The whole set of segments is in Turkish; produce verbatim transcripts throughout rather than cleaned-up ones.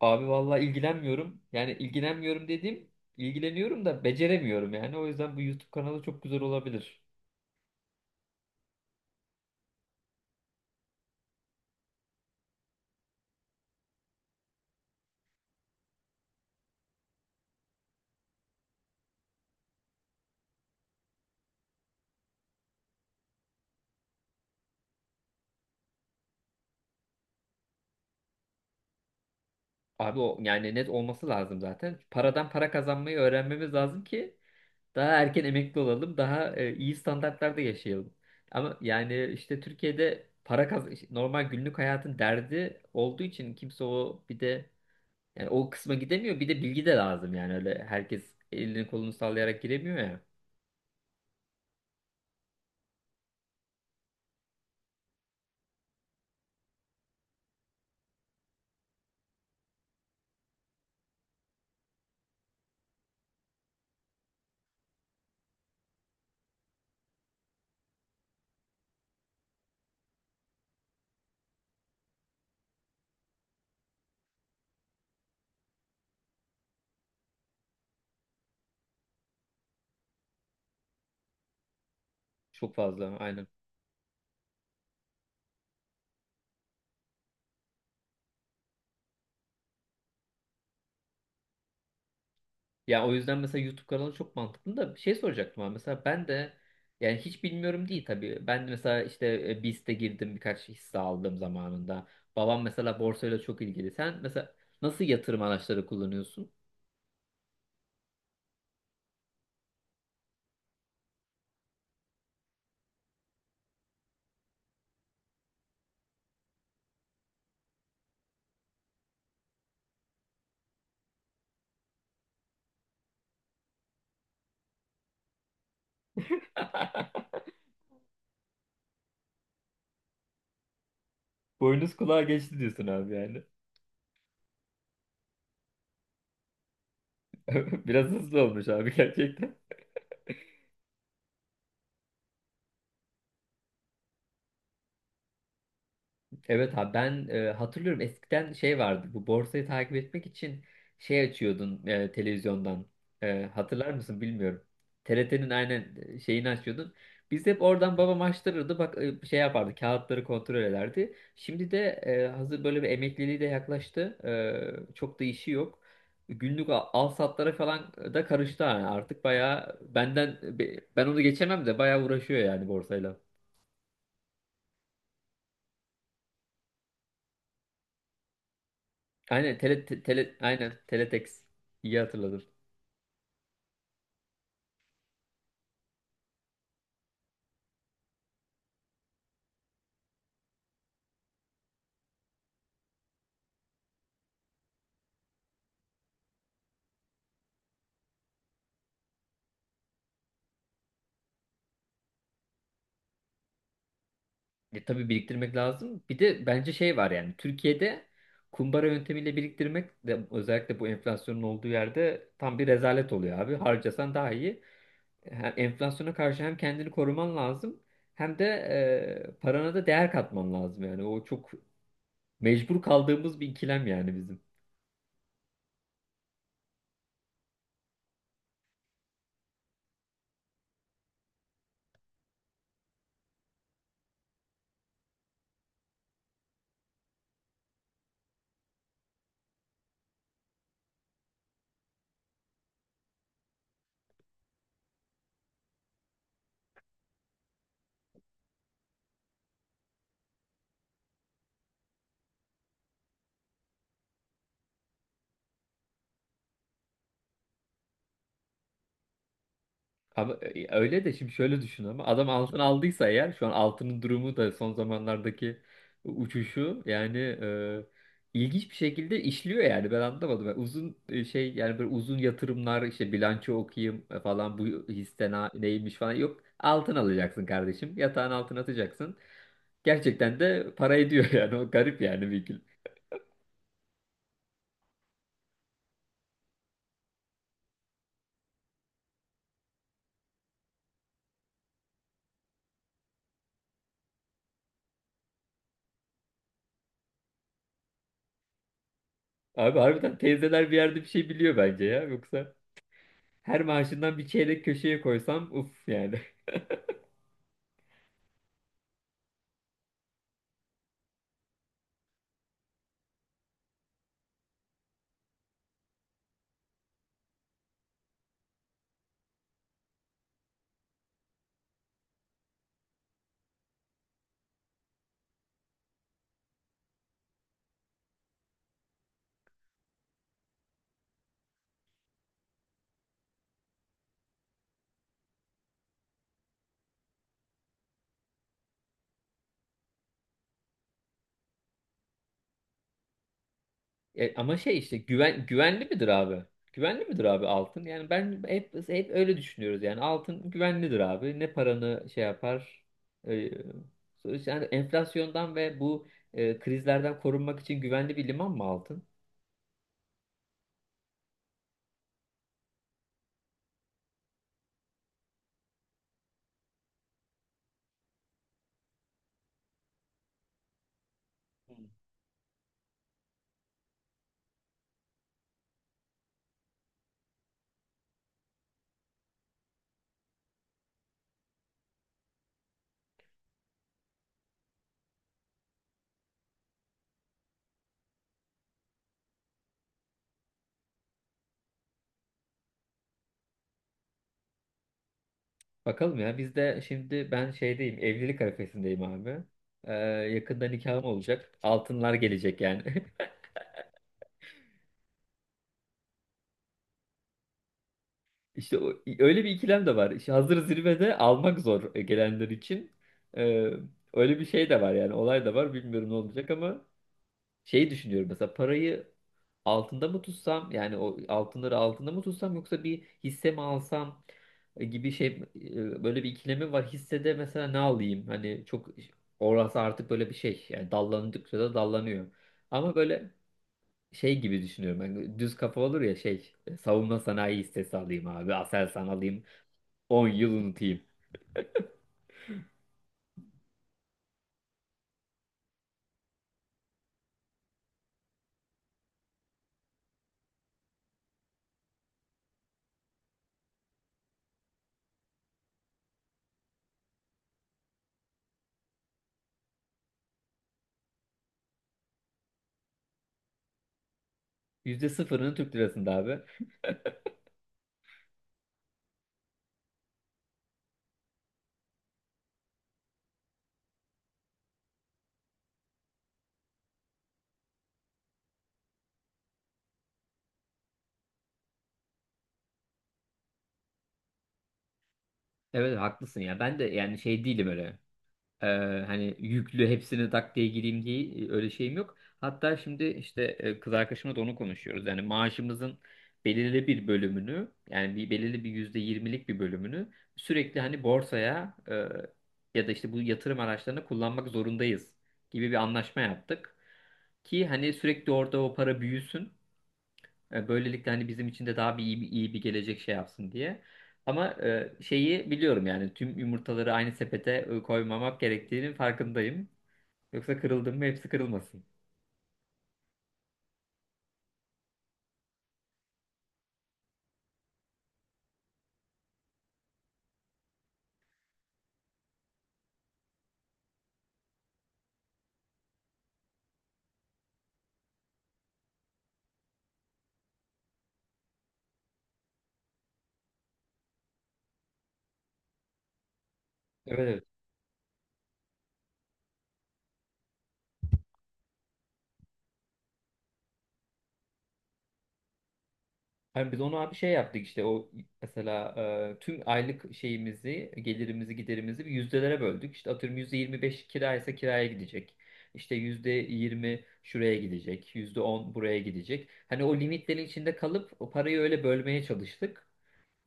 Abi vallahi ilgilenmiyorum. Yani ilgilenmiyorum dediğim ilgileniyorum da beceremiyorum yani. O yüzden bu YouTube kanalı çok güzel olabilir. Abi o yani net olması lazım zaten. Paradan para kazanmayı öğrenmemiz lazım ki daha erken emekli olalım, daha e, iyi standartlarda yaşayalım. Ama yani işte Türkiye'de para kaz işte normal günlük hayatın derdi olduğu için kimse o bir de yani o kısma gidemiyor. Bir de bilgi de lazım yani öyle herkes elini kolunu sallayarak giremiyor ya. Çok fazla aynen. Ya o yüzden mesela YouTube kanalı çok mantıklı da bir şey soracaktım abi. Mesela ben de yani hiç bilmiyorum değil tabii. Ben de mesela işte e, biste girdim birkaç hisse aldım zamanında. Babam mesela borsayla çok ilgili. Sen mesela nasıl yatırım araçları kullanıyorsun? Boynuz kulağa geçti diyorsun abi yani. Biraz hızlı olmuş abi gerçekten. Evet abi ben e, hatırlıyorum eskiden şey vardı bu borsayı takip etmek için şey açıyordun e, televizyondan. E, hatırlar mısın bilmiyorum. T R T'nin aynen e, şeyini açıyordun. Biz hep oradan babam açtırırdı bak e, şey yapardı, kağıtları kontrol ederdi. Şimdi de e, hazır böyle bir emekliliği de yaklaştı. E, çok da işi yok. Günlük al, al satlara falan da karıştı yani artık bayağı benden be- ben onu geçemem de bayağı uğraşıyor yani borsayla. Aynen tele, te- tele aynen teletext. İyi hatırladın. E, tabii biriktirmek lazım. Bir de bence şey var yani Türkiye'de kumbara yöntemiyle biriktirmek de özellikle bu enflasyonun olduğu yerde tam bir rezalet oluyor abi. Harcasan daha iyi. Hem enflasyona karşı hem kendini koruman lazım, hem de e, parana da değer katman lazım yani. O çok mecbur kaldığımız bir ikilem yani bizim. Ama e, öyle de, şimdi şöyle düşün, ama adam altın aldıysa eğer şu an altının durumu da son zamanlardaki uçuşu yani e, ilginç bir şekilde işliyor yani ben anlamadım. Ben uzun e, şey, yani böyle uzun yatırımlar, işte bilanço okuyayım e, falan, bu hisse neymiş falan, yok. Altın alacaksın kardeşim, yatağın altına atacaksın. Gerçekten de para ediyor yani, o garip yani Vigil. Abi harbiden teyzeler bir yerde bir şey biliyor bence ya, yoksa her maaşından bir çeyrek köşeye koysam uf yani. E, ama şey işte, güven güvenli midir abi? Güvenli midir abi altın? Yani ben hep hep öyle düşünüyoruz yani, altın güvenlidir abi. Ne paranı şey yapar? E, Sonuçta yani enflasyondan ve bu e, krizlerden korunmak için güvenli bir liman mı altın? Hı. Bakalım ya, biz de şimdi ben şeydeyim, evlilik arifesindeyim abi. E, Yakında nikahım olacak. Altınlar gelecek yani. İşte o, öyle bir ikilem de var. İşte hazır zirvede almak zor e, gelenler için. Ee, Öyle bir şey de var yani, olay da var. Bilmiyorum ne olacak, ama şeyi düşünüyorum mesela, parayı altında mı tutsam yani, o altınları altında mı tutsam, yoksa bir hisse mi alsam e, gibi şey, e, böyle bir ikilemim var. Hissede mesela ne alayım? Hani çok orası artık böyle bir şey. Yani dallandıkça da dallanıyor. Ama böyle şey gibi düşünüyorum. Hani düz kafa olur ya şey, e, savunma sanayi hissesi alayım abi. Aselsan alayım. on yıl unutayım. Yüzde sıfırını Türk lirasında abi. Evet haklısın ya. Ben de yani şey değilim öyle. Ee, Hani yüklü hepsini tak diye gireyim diye e, öyle şeyim yok. Hatta şimdi işte e, kız arkadaşımla da onu konuşuyoruz. Yani maaşımızın belirli bir bölümünü, yani bir belirli bir yüzde yirmilik bir bölümünü sürekli hani borsaya, e, ya da işte bu yatırım araçlarını kullanmak zorundayız gibi bir anlaşma yaptık. Ki hani sürekli orada o para büyüsün. E, Böylelikle hani bizim için de daha bir iyi, bir iyi bir gelecek şey yapsın diye. Ama e, şeyi biliyorum yani, tüm yumurtaları aynı sepete e, koymamak gerektiğinin farkındayım. Yoksa kırıldım mı hepsi kırılmasın. Evet, hani biz onu abi şey yaptık, işte o mesela e, tüm aylık şeyimizi, gelirimizi, giderimizi bir yüzdelere böldük. İşte atıyorum yüzde yirmi beş kira ise kiraya gidecek. İşte yüzde yirmi şuraya gidecek, yüzde on buraya gidecek. Hani o limitlerin içinde kalıp o parayı öyle bölmeye çalıştık.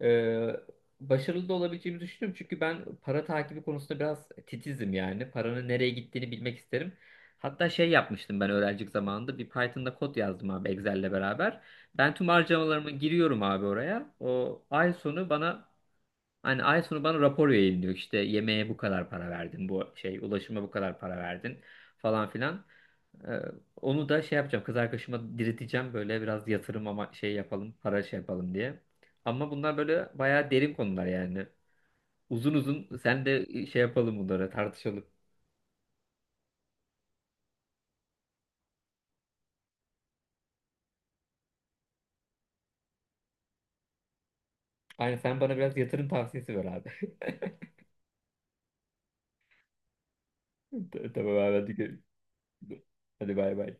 Ee, Başarılı da olabileceğimi düşünüyorum. Çünkü ben para takibi konusunda biraz titizim yani. Paranın nereye gittiğini bilmek isterim. Hatta şey yapmıştım ben öğrencilik zamanında. Bir Python'da kod yazdım abi Excel'le beraber. Ben tüm harcamalarımı giriyorum abi oraya. O ay sonu bana hani ay sonu bana rapor yayınlıyor. İşte yemeğe bu kadar para verdin. Bu şey, ulaşıma bu kadar para verdin falan filan. Ee, Onu da şey yapacağım, kız arkadaşıma direteceğim böyle biraz yatırım ama, şey yapalım, para şey yapalım diye. Ama bunlar böyle bayağı derin konular yani. Uzun uzun sen de şey yapalım, bunları tartışalım. Aynen, sen bana biraz yatırım tavsiyesi ver abi. Tamam abi, hadi gö- hadi bay bay.